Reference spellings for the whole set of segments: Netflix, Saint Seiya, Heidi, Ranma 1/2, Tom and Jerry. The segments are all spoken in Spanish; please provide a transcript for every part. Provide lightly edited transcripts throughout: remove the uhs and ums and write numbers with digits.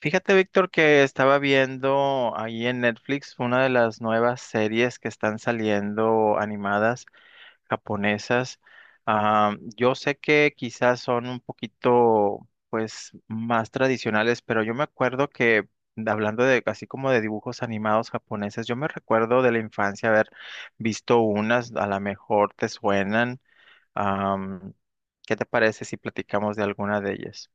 Fíjate, Víctor, que estaba viendo ahí en Netflix una de las nuevas series que están saliendo animadas japonesas. Yo sé que quizás son un poquito, pues, más tradicionales, pero yo me acuerdo que, hablando de, así como de dibujos animados japoneses, yo me recuerdo de la infancia haber visto unas, a lo mejor te suenan. Am, ¿Qué te parece si platicamos de alguna de ellas?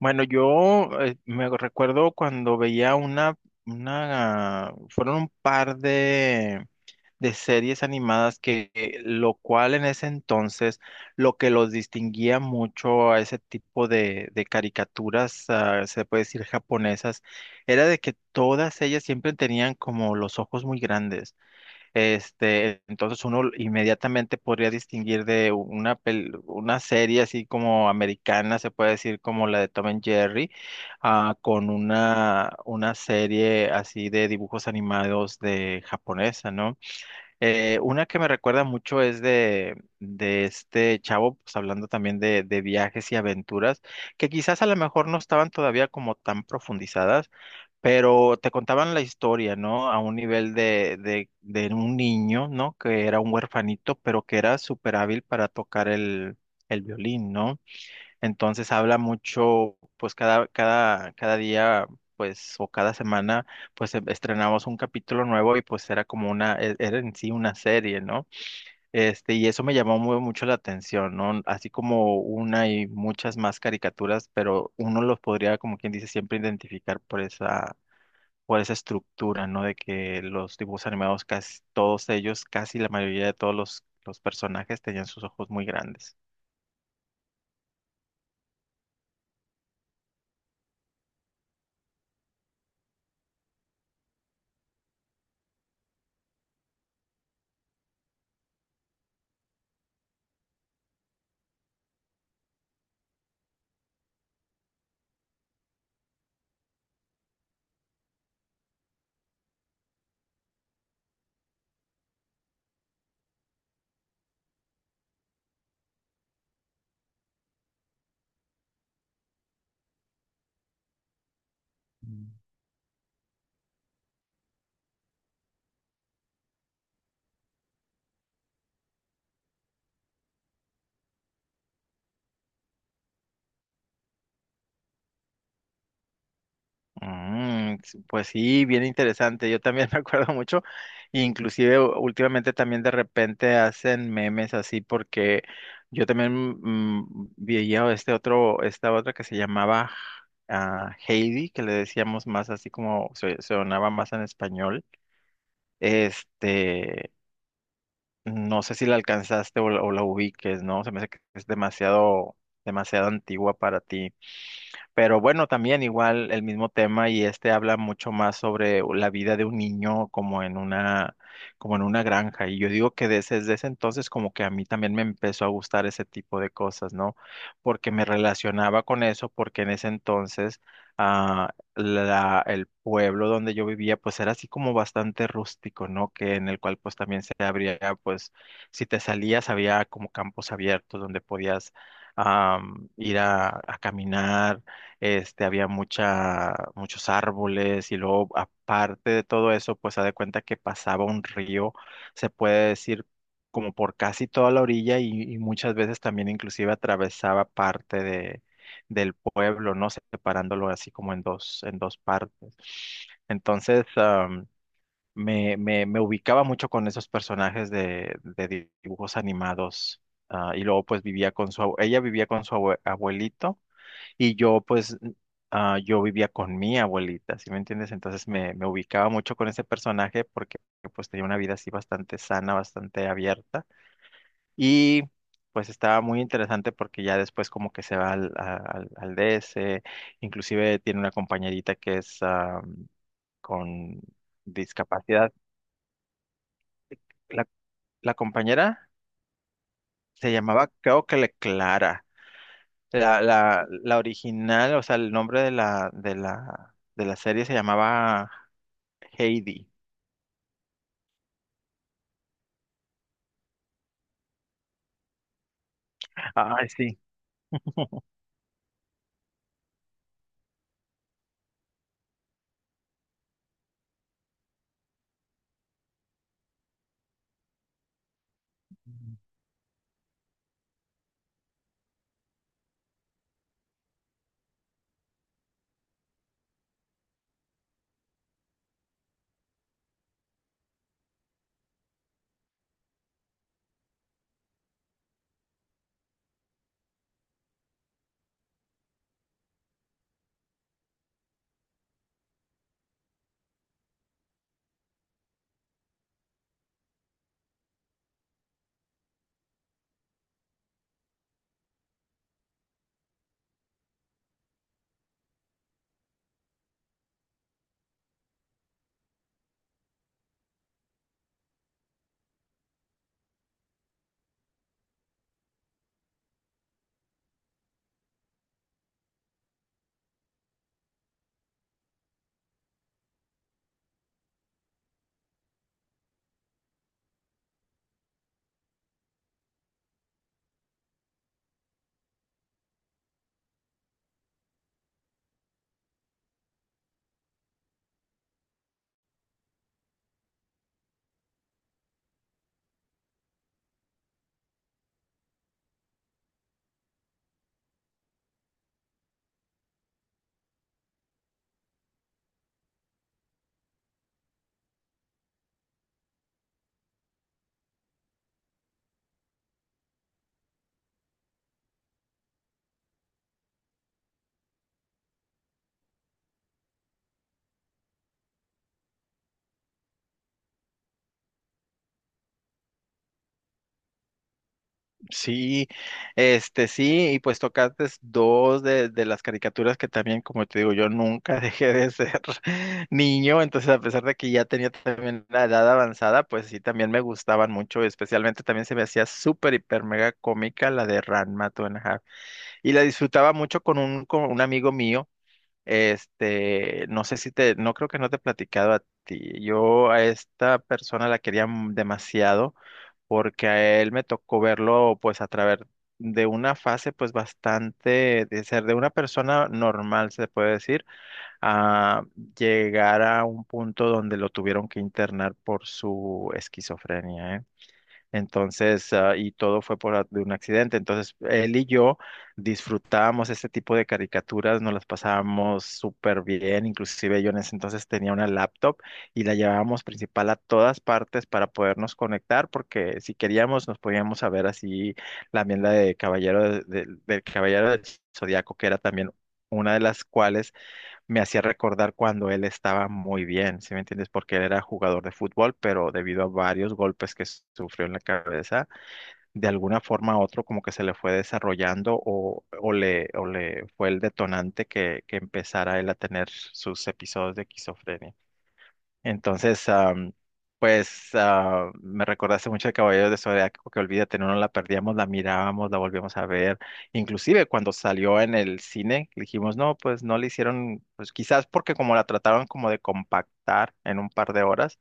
Bueno, yo me recuerdo cuando veía una, fueron un par de series animadas que lo cual en ese entonces, lo que los distinguía mucho a ese tipo de caricaturas, se puede decir japonesas, era de que todas ellas siempre tenían como los ojos muy grandes. Este, entonces uno inmediatamente podría distinguir de una serie así como americana, se puede decir como la de Tom and Jerry, con una serie así de dibujos animados de japonesa, ¿no? Una que me recuerda mucho es de este chavo, pues hablando también de viajes y aventuras, que quizás a lo mejor no estaban todavía como tan profundizadas pero te contaban la historia, ¿no? A un nivel de un niño, ¿no? Que era un huerfanito, pero que era súper hábil para tocar el violín, ¿no? Entonces habla mucho, pues cada día, pues, o cada semana, pues estrenamos un capítulo nuevo y pues era como era en sí una serie, ¿no? Este, y eso me llamó mucho la atención, ¿no? Así como una y muchas más caricaturas, pero uno los podría, como quien dice, siempre identificar por esa estructura, ¿no? De que los dibujos animados, casi todos ellos, casi la mayoría de todos los personajes tenían sus ojos muy grandes. Mm. Mm, sí, pues sí, bien interesante. Yo también me acuerdo mucho, inclusive últimamente también de repente hacen memes así porque yo también veía este otro, esta otra que se llamaba Heidi, que le decíamos más así como se sonaba más en español. Este, no sé si la alcanzaste o o la ubiques, ¿no? Se me hace que es demasiado, demasiado antigua para ti. Pero bueno, también igual el mismo tema y este habla mucho más sobre la vida de un niño como en como en una granja. Y yo digo que desde ese entonces como que a mí también me empezó a gustar ese tipo de cosas, ¿no? Porque me relacionaba con eso, porque en ese entonces el pueblo donde yo vivía, pues era así como bastante rústico, ¿no? Que en el cual pues también se abría, pues si te salías había como campos abiertos donde podías ir a caminar, este, había muchos árboles y luego aparte de todo eso, pues haz de cuenta que pasaba un río, se puede decir como por casi toda la orilla y muchas veces también inclusive atravesaba parte del pueblo, ¿no? Separándolo así como en en dos partes. Entonces, me ubicaba mucho con esos personajes dibujos animados. Y luego pues vivía con su, abue- ella vivía con su abuelito y yo pues yo vivía con mi abuelita, ¿sí me entiendes? Entonces me ubicaba mucho con ese personaje porque pues tenía una vida así bastante sana, bastante abierta. Y pues estaba muy interesante porque ya después como que se va al DS, inclusive tiene una compañerita que es con discapacidad. La, la compañera se llamaba, creo que le Clara. La original, o sea, el nombre de la serie se llamaba Heidi. Ay, sí. Sí, este sí, y pues tocaste dos de las caricaturas que también, como te digo, yo nunca dejé de ser niño, entonces a pesar de que ya tenía también la edad avanzada, pues sí, también me gustaban mucho, especialmente también se me hacía súper, hiper, mega cómica la de Ranma Two and a Half, y la disfrutaba mucho con con un amigo mío, este, no sé si te, no creo que no te he platicado a ti. Yo a esta persona la quería demasiado porque a él me tocó verlo pues a través de una fase pues bastante de ser de una persona normal, se puede decir, a llegar a un punto donde lo tuvieron que internar por su esquizofrenia, ¿eh? Entonces, y todo fue por de un accidente. Entonces, él y yo disfrutábamos este tipo de caricaturas, nos las pasábamos súper bien. Inclusive yo en ese entonces tenía una laptop y la llevábamos principal a todas partes para podernos conectar, porque si queríamos nos podíamos saber así también la de Caballero del Zodiaco, que era también una de las cuales me hacía recordar cuando él estaba muy bien, ¿sí me entiendes? Porque él era jugador de fútbol, pero debido a varios golpes que sufrió en la cabeza, de alguna forma u otro como que se le fue desarrollando o le fue el detonante que empezara él a tener sus episodios de esquizofrenia. Entonces, me recordaste mucho de Caballeros de Zodiaco, que olvídate, no nos la perdíamos, la mirábamos, la volvíamos a ver. Inclusive cuando salió en el cine, dijimos, no, pues no le hicieron, pues quizás porque como la trataron como de compactar en un par de horas,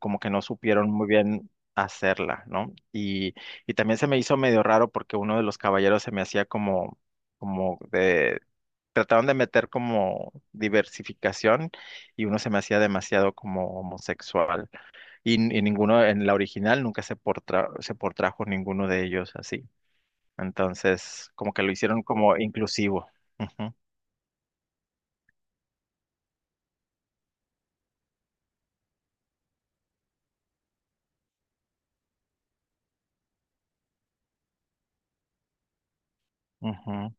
como que no supieron muy bien hacerla, ¿no? Y también se me hizo medio raro porque uno de los caballeros se me hacía como, como de, trataron de meter como diversificación y uno se me hacía demasiado como homosexual. Y ninguno en la original nunca se portrajo ninguno de ellos así. Entonces, como que lo hicieron como inclusivo. Ujú, ujú.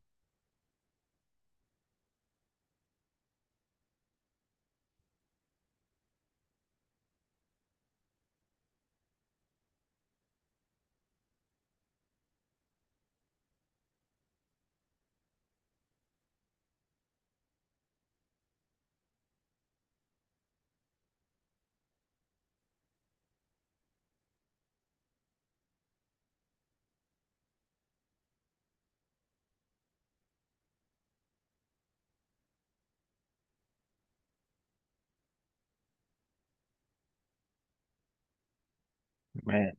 Me,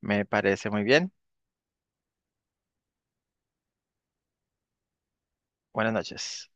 Me parece muy bien. Buenas noches.